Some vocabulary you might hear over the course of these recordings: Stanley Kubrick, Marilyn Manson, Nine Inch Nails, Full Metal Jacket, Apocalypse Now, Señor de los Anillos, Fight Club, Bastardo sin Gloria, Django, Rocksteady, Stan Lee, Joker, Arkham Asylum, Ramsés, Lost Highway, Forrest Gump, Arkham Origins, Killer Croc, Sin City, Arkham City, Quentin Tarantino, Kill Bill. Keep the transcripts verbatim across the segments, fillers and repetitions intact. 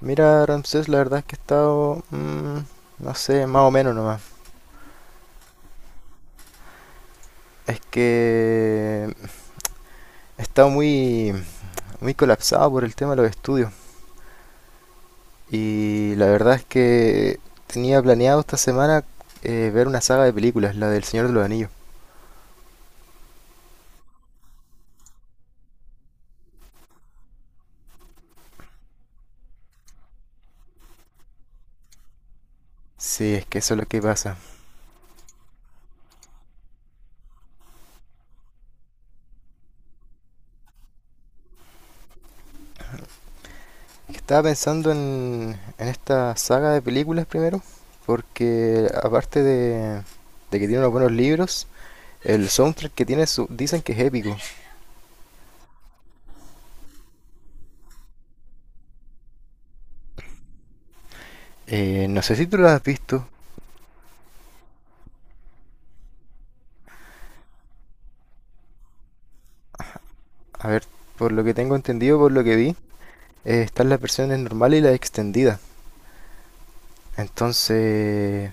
Mira, Ramsés, la verdad es que he estado, mm, no sé, más o menos nomás. Es que he estado muy, muy colapsado por el tema de los estudios. Y la verdad es que tenía planeado esta semana eh, ver una saga de películas, la del Señor de los Anillos. Sí, es que eso es lo que pasa. Estaba pensando en, en esta saga de películas primero, porque aparte de, de que tiene unos buenos libros, el soundtrack que tiene su- dicen que es épico. Eh, no sé si tú lo has visto. A ver, por lo que tengo entendido, por lo que vi, eh, están las versiones normales y las extendidas. Entonces,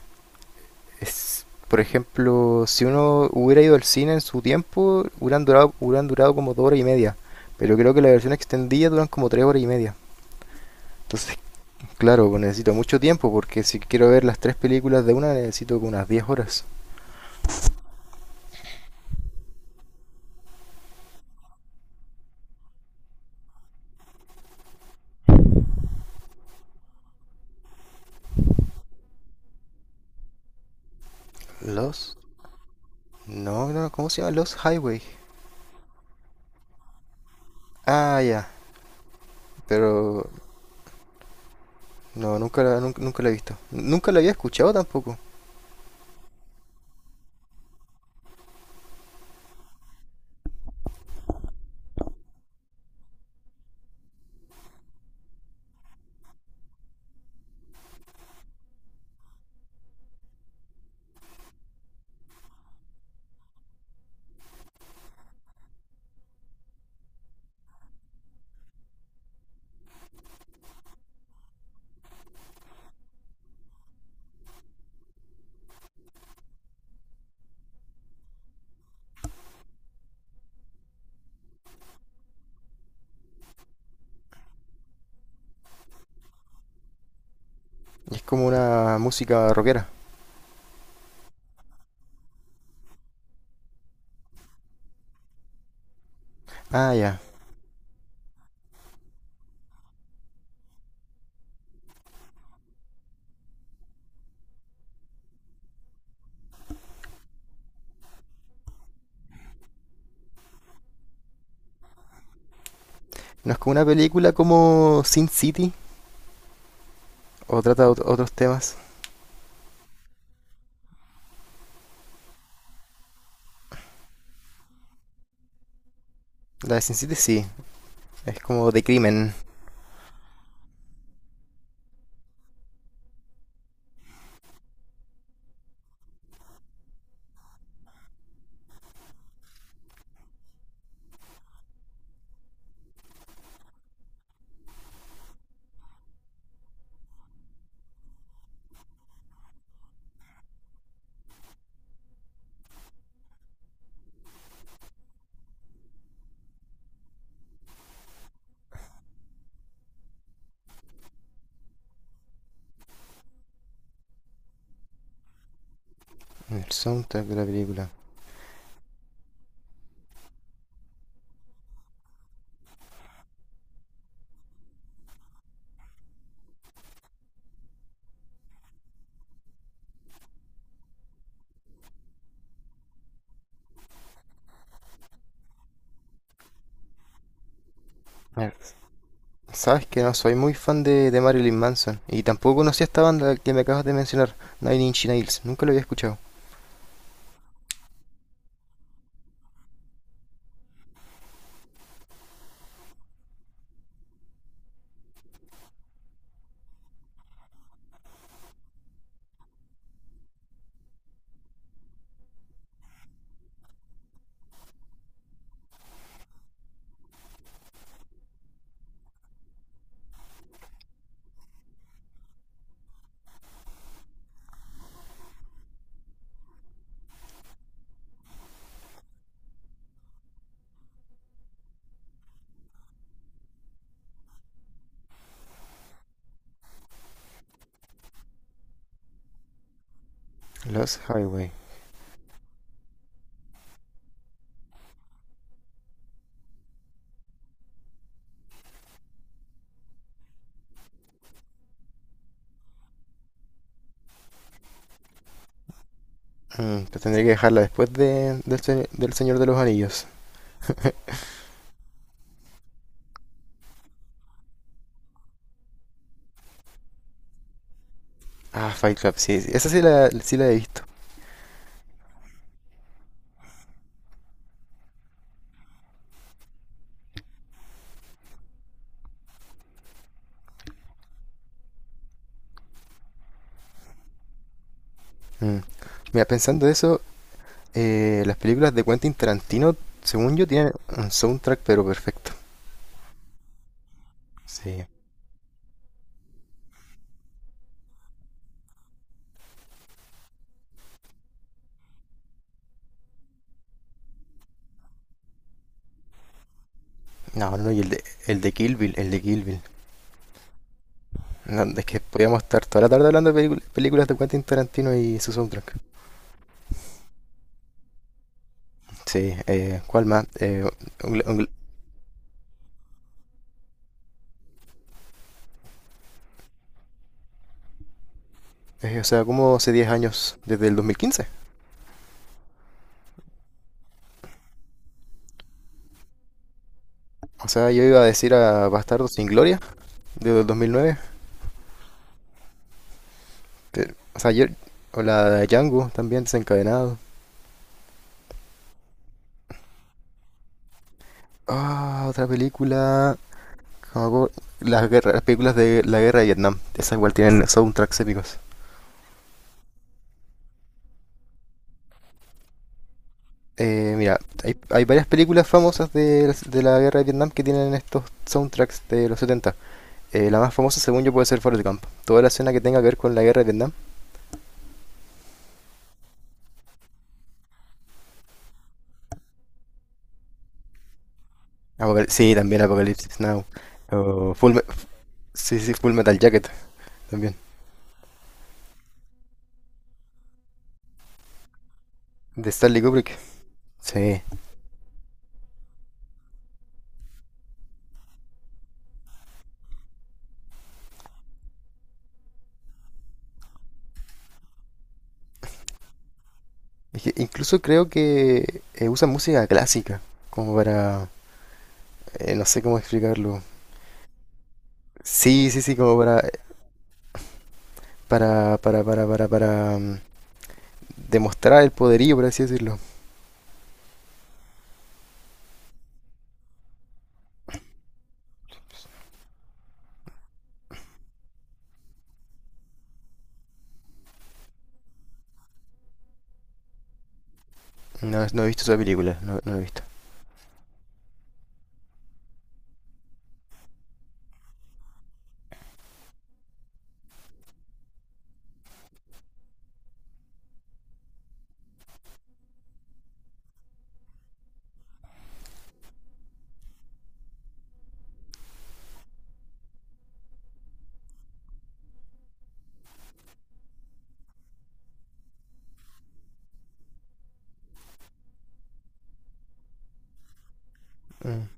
es, por ejemplo, si uno hubiera ido al cine en su tiempo, hubieran durado, hubieran durado como dos horas y media. Pero creo que la versión extendida duran como tres horas y media. Entonces, claro, pues necesito mucho tiempo porque si quiero ver las tres películas de una necesito como unas diez horas. Los... No, no, ¿cómo se llama? Los Highway. Ah, ya. Pero no, nunca la, nunca, nunca la he visto. Nunca la había escuchado tampoco. Es como una música rockera. Ah, ya. No es como una película como Sin City o trata ot- otros temas. La de Sin City sí, es como de crimen. El soundtrack de la película. A ver, sabes que no soy muy fan de, de Marilyn Manson y tampoco conocía esta banda que me acabas de mencionar, Nine Inch Nails. Nunca lo había escuchado. Los Highway. Mm, te tendré que dejarla después de, del, se- del Señor de los Anillos. Ah, Fight Club, sí, sí, esa sí la, sí la he visto. Mm. Mira, pensando eso, Eh, las películas de Quentin Tarantino, según yo, tienen un soundtrack pero perfecto. Sí. No, no, y el de, el de Kill Bill, el de Kill Bill. No, es que podíamos estar toda la tarde hablando de pelicul- películas de Quentin Tarantino y su soundtrack. Sí, eh, ¿cuál más? Eh, un- un- eh, o sea, como hace diez años desde el dos mil quince. O sea, yo iba a decir a Bastardo sin Gloria desde el dos mil nueve. Pero, o sea, yo... O la de Django también desencadenado. Ah, otra película. Hago las, guerras- las películas de la guerra de Vietnam. Esas igual tienen soundtracks épicos. Eh, mira, hay, hay varias películas famosas de, las- de la guerra de Vietnam que tienen estos soundtracks de los setenta. Eh, la más famosa, según yo, puede ser Forrest Gump. Toda la escena que tenga que ver con la guerra de Vietnam. Apocal- sí, también Apocalypse Now. O Full, Me- sí, sí, Full Metal Jacket también. De Stanley Kubrick. Sí. Es que incluso creo que eh, usan música clásica como para... eh, no sé cómo explicarlo. Sí, sí, sí, como para para, para, para, para, para mm, demostrar el poderío, por así decirlo. No, no he visto esa película, no, no he visto. Mm.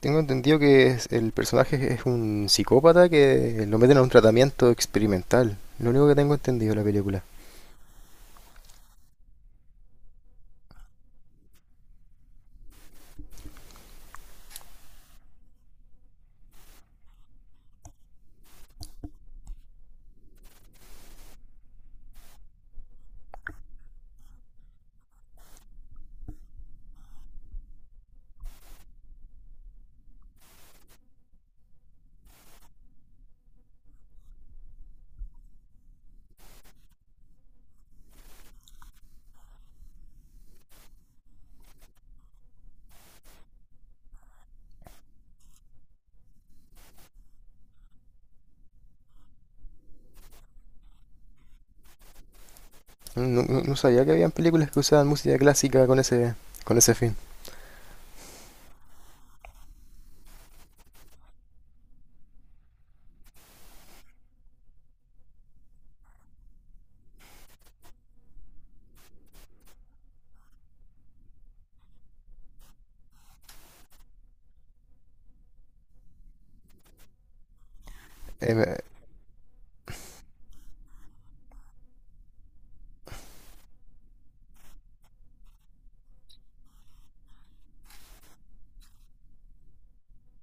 Tengo entendido que es- el personaje es un psicópata que lo meten a un tratamiento experimental. Lo único que tengo entendido de la película. No, no- no sabía que habían películas que usaban música clásica con ese, con ese fin. Eh,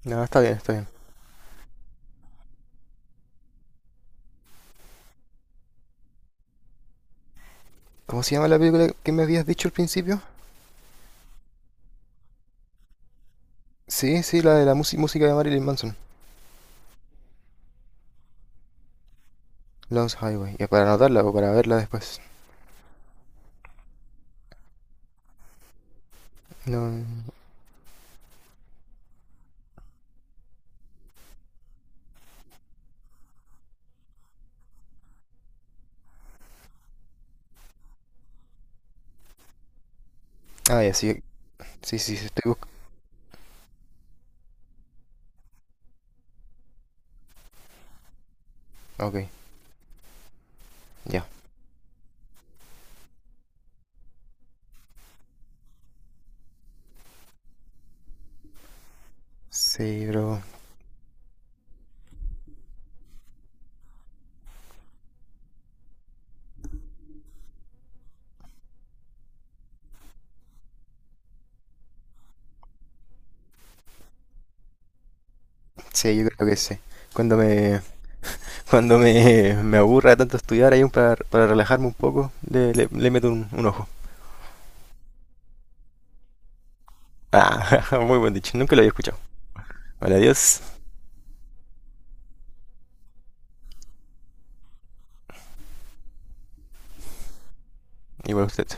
no, está bien, está bien. ¿Cómo se llama la película que me habías dicho al principio? Sí, sí, la de la musi- música de Marilyn Manson. Lost Highway. Ya para anotarla o para verla después. No. Ah, ya, sí, sí, sí, sí, estoy buscando. Ok, ya. Sí, bro. Sí, yo creo que sí. Cuando me, cuando me, me aburra tanto estudiar ahí un para, para relajarme un poco, le, le, le meto un, un ojo. Ah, muy buen dicho, nunca lo había escuchado. Vale, adiós. Igual a usted.